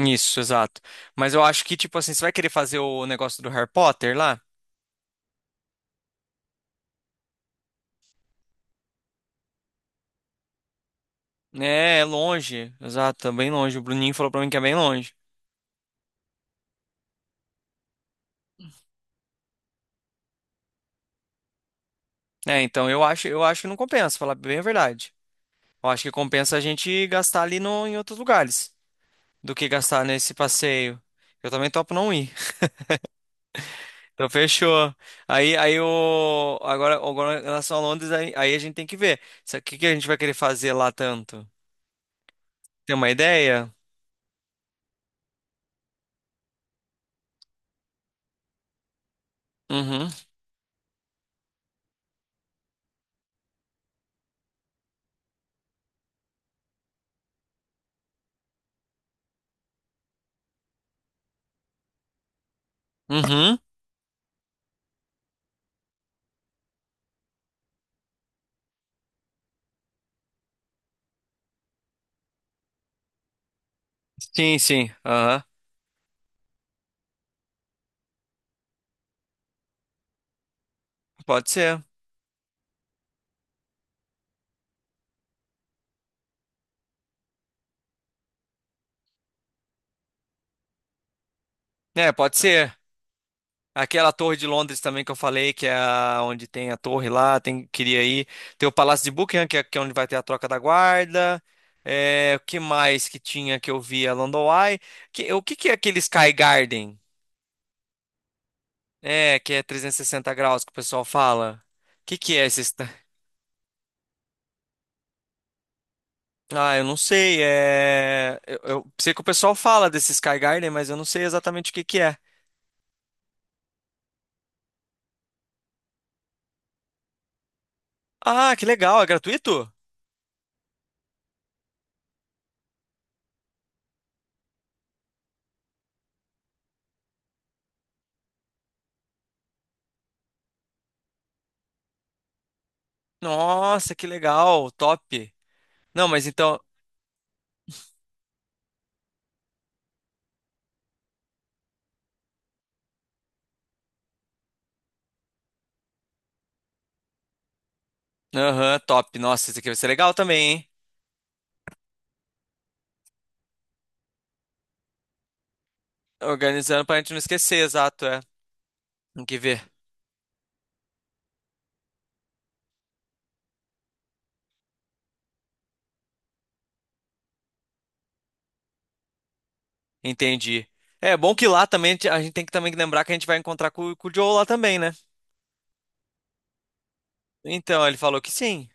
Isso, exato. Mas eu acho que, tipo assim, você vai querer fazer o negócio do Harry Potter lá? É, é longe. Exato, é bem longe. O Bruninho falou pra mim que é bem longe. É, então eu acho que não compensa, falar bem a verdade. Eu acho que compensa a gente gastar ali no, em outros lugares do que gastar nesse passeio. Eu também topo não ir. Então fechou. Aí, aí o agora em relação a Londres, aí a gente tem que ver. O que que a gente vai querer fazer lá tanto? Tem uma ideia? Uhum. Uhum. Sim, sim. Aham. Pode ser. É, pode ser. Aquela torre de Londres também que eu falei, que é onde tem a torre lá, tem, queria ir. Tem o Palácio de Buckingham, que é onde vai ter a troca da guarda. É, o que mais que tinha que eu vi? A London Eye. O que que é aquele Sky Garden? É, que é 360 graus que o pessoal fala. O que que é esse? Ah, eu não sei. Eu sei que o pessoal fala desse Sky Garden, mas eu não sei exatamente o que que é. Ah, que legal. É gratuito? Nossa, que legal. Top. Não, mas então. Aham, top. Nossa, isso aqui vai ser legal também, hein? Organizando pra gente não esquecer, exato, é. Tem que ver. Entendi. É bom que lá também a gente tem que também lembrar que a gente vai encontrar com o Joe lá também, né? Então, ele falou que sim.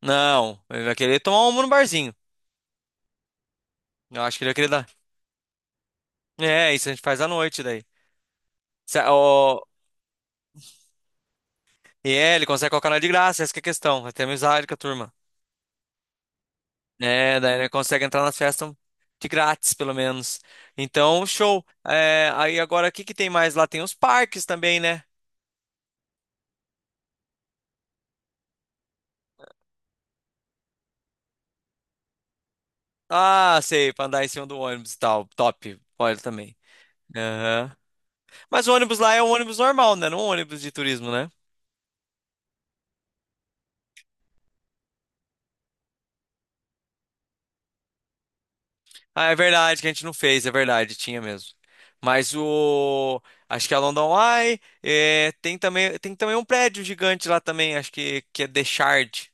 Não, ele vai querer tomar uma no barzinho. Eu acho que ele vai querer dar. É, isso a gente faz à noite daí. Ó, e é, ele consegue colocar nós de graça, essa que é a questão. Vai ter amizade com a turma. É, daí ele consegue entrar nas festas de grátis, pelo menos. Então, show. É, aí agora, o que que tem mais lá? Tem os parques também, né? Ah, sei, pra andar em cima do ônibus e tal. Top, olha também. Aham. Mas o ônibus lá é um ônibus normal, né? Não um ônibus de turismo, né? Ah, é verdade que a gente não fez, é verdade, tinha mesmo. Mas o. Acho que é a London Eye. É, tem também um prédio gigante lá também, acho que é The Shard.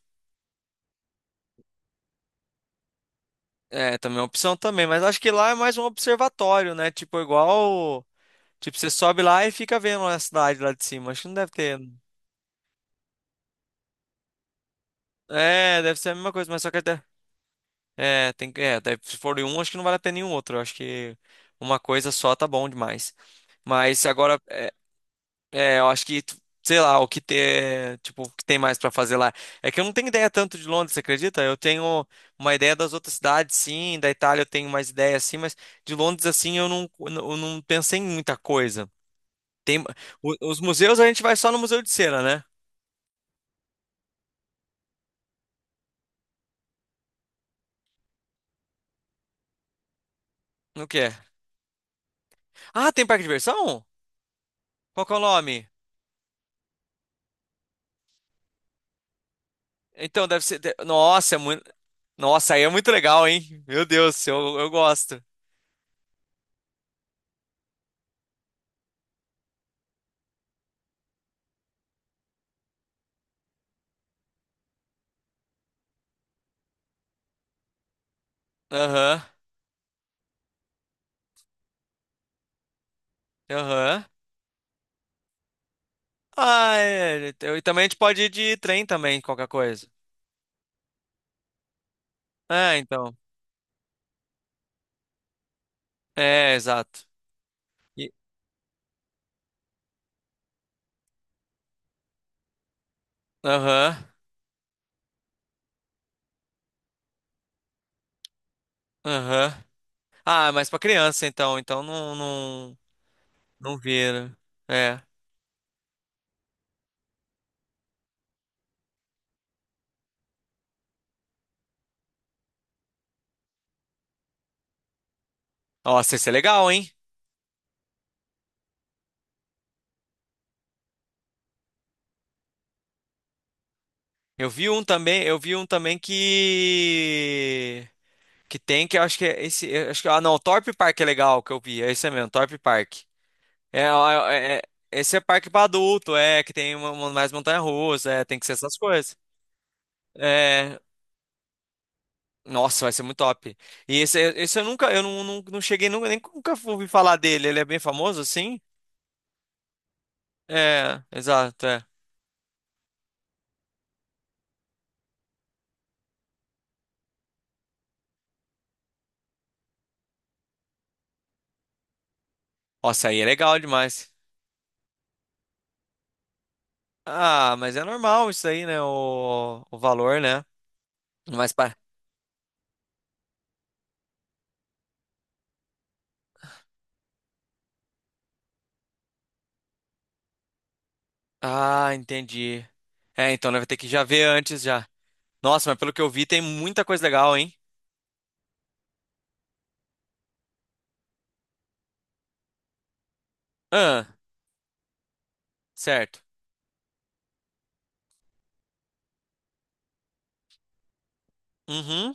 É, também é uma opção também, mas acho que lá é mais um observatório, né? Tipo, igual. Tipo, você sobe lá e fica vendo a cidade lá de cima. Acho que não deve ter. É, deve ser a mesma coisa, mas só que. É, tem, é, se for em um, acho que não vale a pena nenhum outro. Eu acho que uma coisa só tá bom demais. Mas agora. É, eu acho que, sei lá, tipo, o que tem mais pra fazer lá. É que eu não tenho ideia tanto de Londres, você acredita? Eu tenho uma ideia das outras cidades, sim, da Itália eu tenho mais ideia, assim, mas de Londres, assim, eu não pensei em muita coisa. Tem, os museus a gente vai só no Museu de Cera, né? No que é? Ah, tem parque de diversão? Qual que é o nome? Então, deve ser. Nossa, é muito. Nossa, aí é muito legal, hein? Meu Deus, eu gosto. Aham, aham. Ah, é. E também a gente pode ir de trem também, qualquer coisa. É, então. É, exato. E- Aham, aham. Ah, mas pra criança, então. Então não, não, não vira. É. Nossa, esse é legal, hein? Eu vi um também que... Que tem, que eu acho que é esse... eu acho que, ah, não, Torpe Park é legal, que eu vi. É esse mesmo, Torpe Park. É, ó, é, é, esse é parque pra adulto, é, que tem uma, mais montanha-russa, é, tem que ser essas coisas. É, nossa, vai ser muito top. E esse eu nunca, eu não cheguei, nunca, nem nunca ouvi falar dele. Ele é bem famoso, assim? É, exato, é. Nossa, aí é legal demais. Ah, mas é normal isso aí, né? O valor, né? Mas para. Ah, entendi. É, então né, vai ter que já ver antes já. Nossa, mas pelo que eu vi, tem muita coisa legal, hein? Ah, certo. Uhum,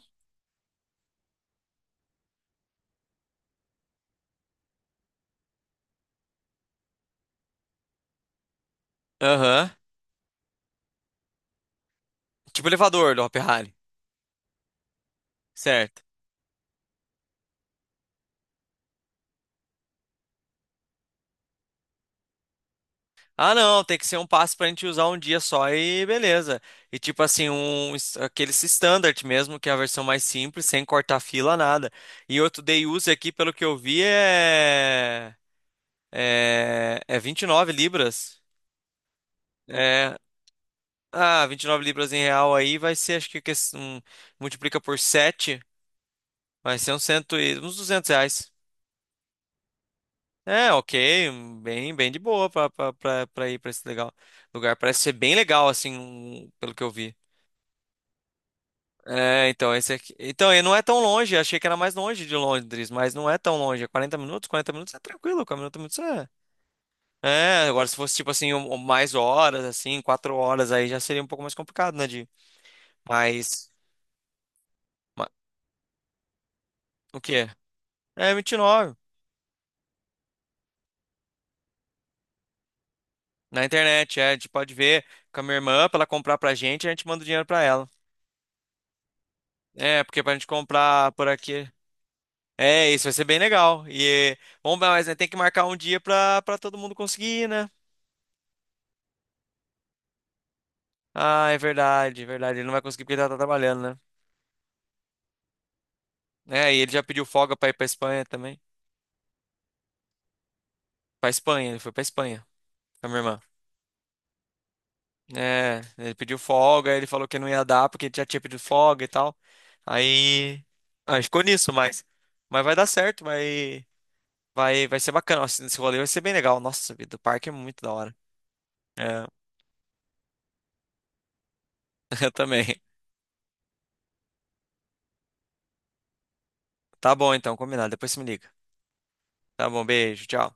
aham. Tipo elevador do Hopi Hari. Certo. Ah, não, tem que ser um passe pra gente usar um dia só e beleza. E tipo assim, aquele standard mesmo, que é a versão mais simples, sem cortar fila, nada. E outro day use aqui, pelo que eu vi, é 29 libras. É, ah, £29 em real aí vai ser, acho que multiplica por 7, vai ser uns R$200. É, ok, um, bem de boa pra ir pra esse legal lugar. Parece ser bem legal, assim, pelo que eu vi. É, então, esse aqui. Então, e não é tão longe, achei que era mais longe de Londres, mas não é tão longe. É 40 minutos, 40 minutos é tranquilo, 40 minutos é. É, agora se fosse tipo assim, mais horas, assim, 4 horas, aí já seria um pouco mais complicado, né, de. Mas. ma- O quê? É vinte e nove. Na internet, é. A gente pode ver com a minha irmã pra ela comprar pra gente, a gente manda o dinheiro pra ela. É, porque pra gente comprar por aqui. É, isso vai ser bem legal. E. Vamos, mas né, tem que marcar um dia pra todo mundo conseguir, né? Ah, é verdade, é verdade. Ele não vai conseguir porque ele já tá trabalhando, né? É, e ele já pediu folga pra ir pra Espanha também. Pra Espanha, ele foi pra Espanha com a minha irmã. É, ele pediu folga, ele falou que não ia dar porque ele já tinha pedido folga e tal. Aí, aí ficou nisso, mas vai dar certo, vai, vai ser bacana. Nossa, esse rolê vai ser bem legal. Nossa, vida, o parque é muito da hora. É, eu também. Tá bom, então, combinado. Depois você me liga. Tá bom, beijo, tchau.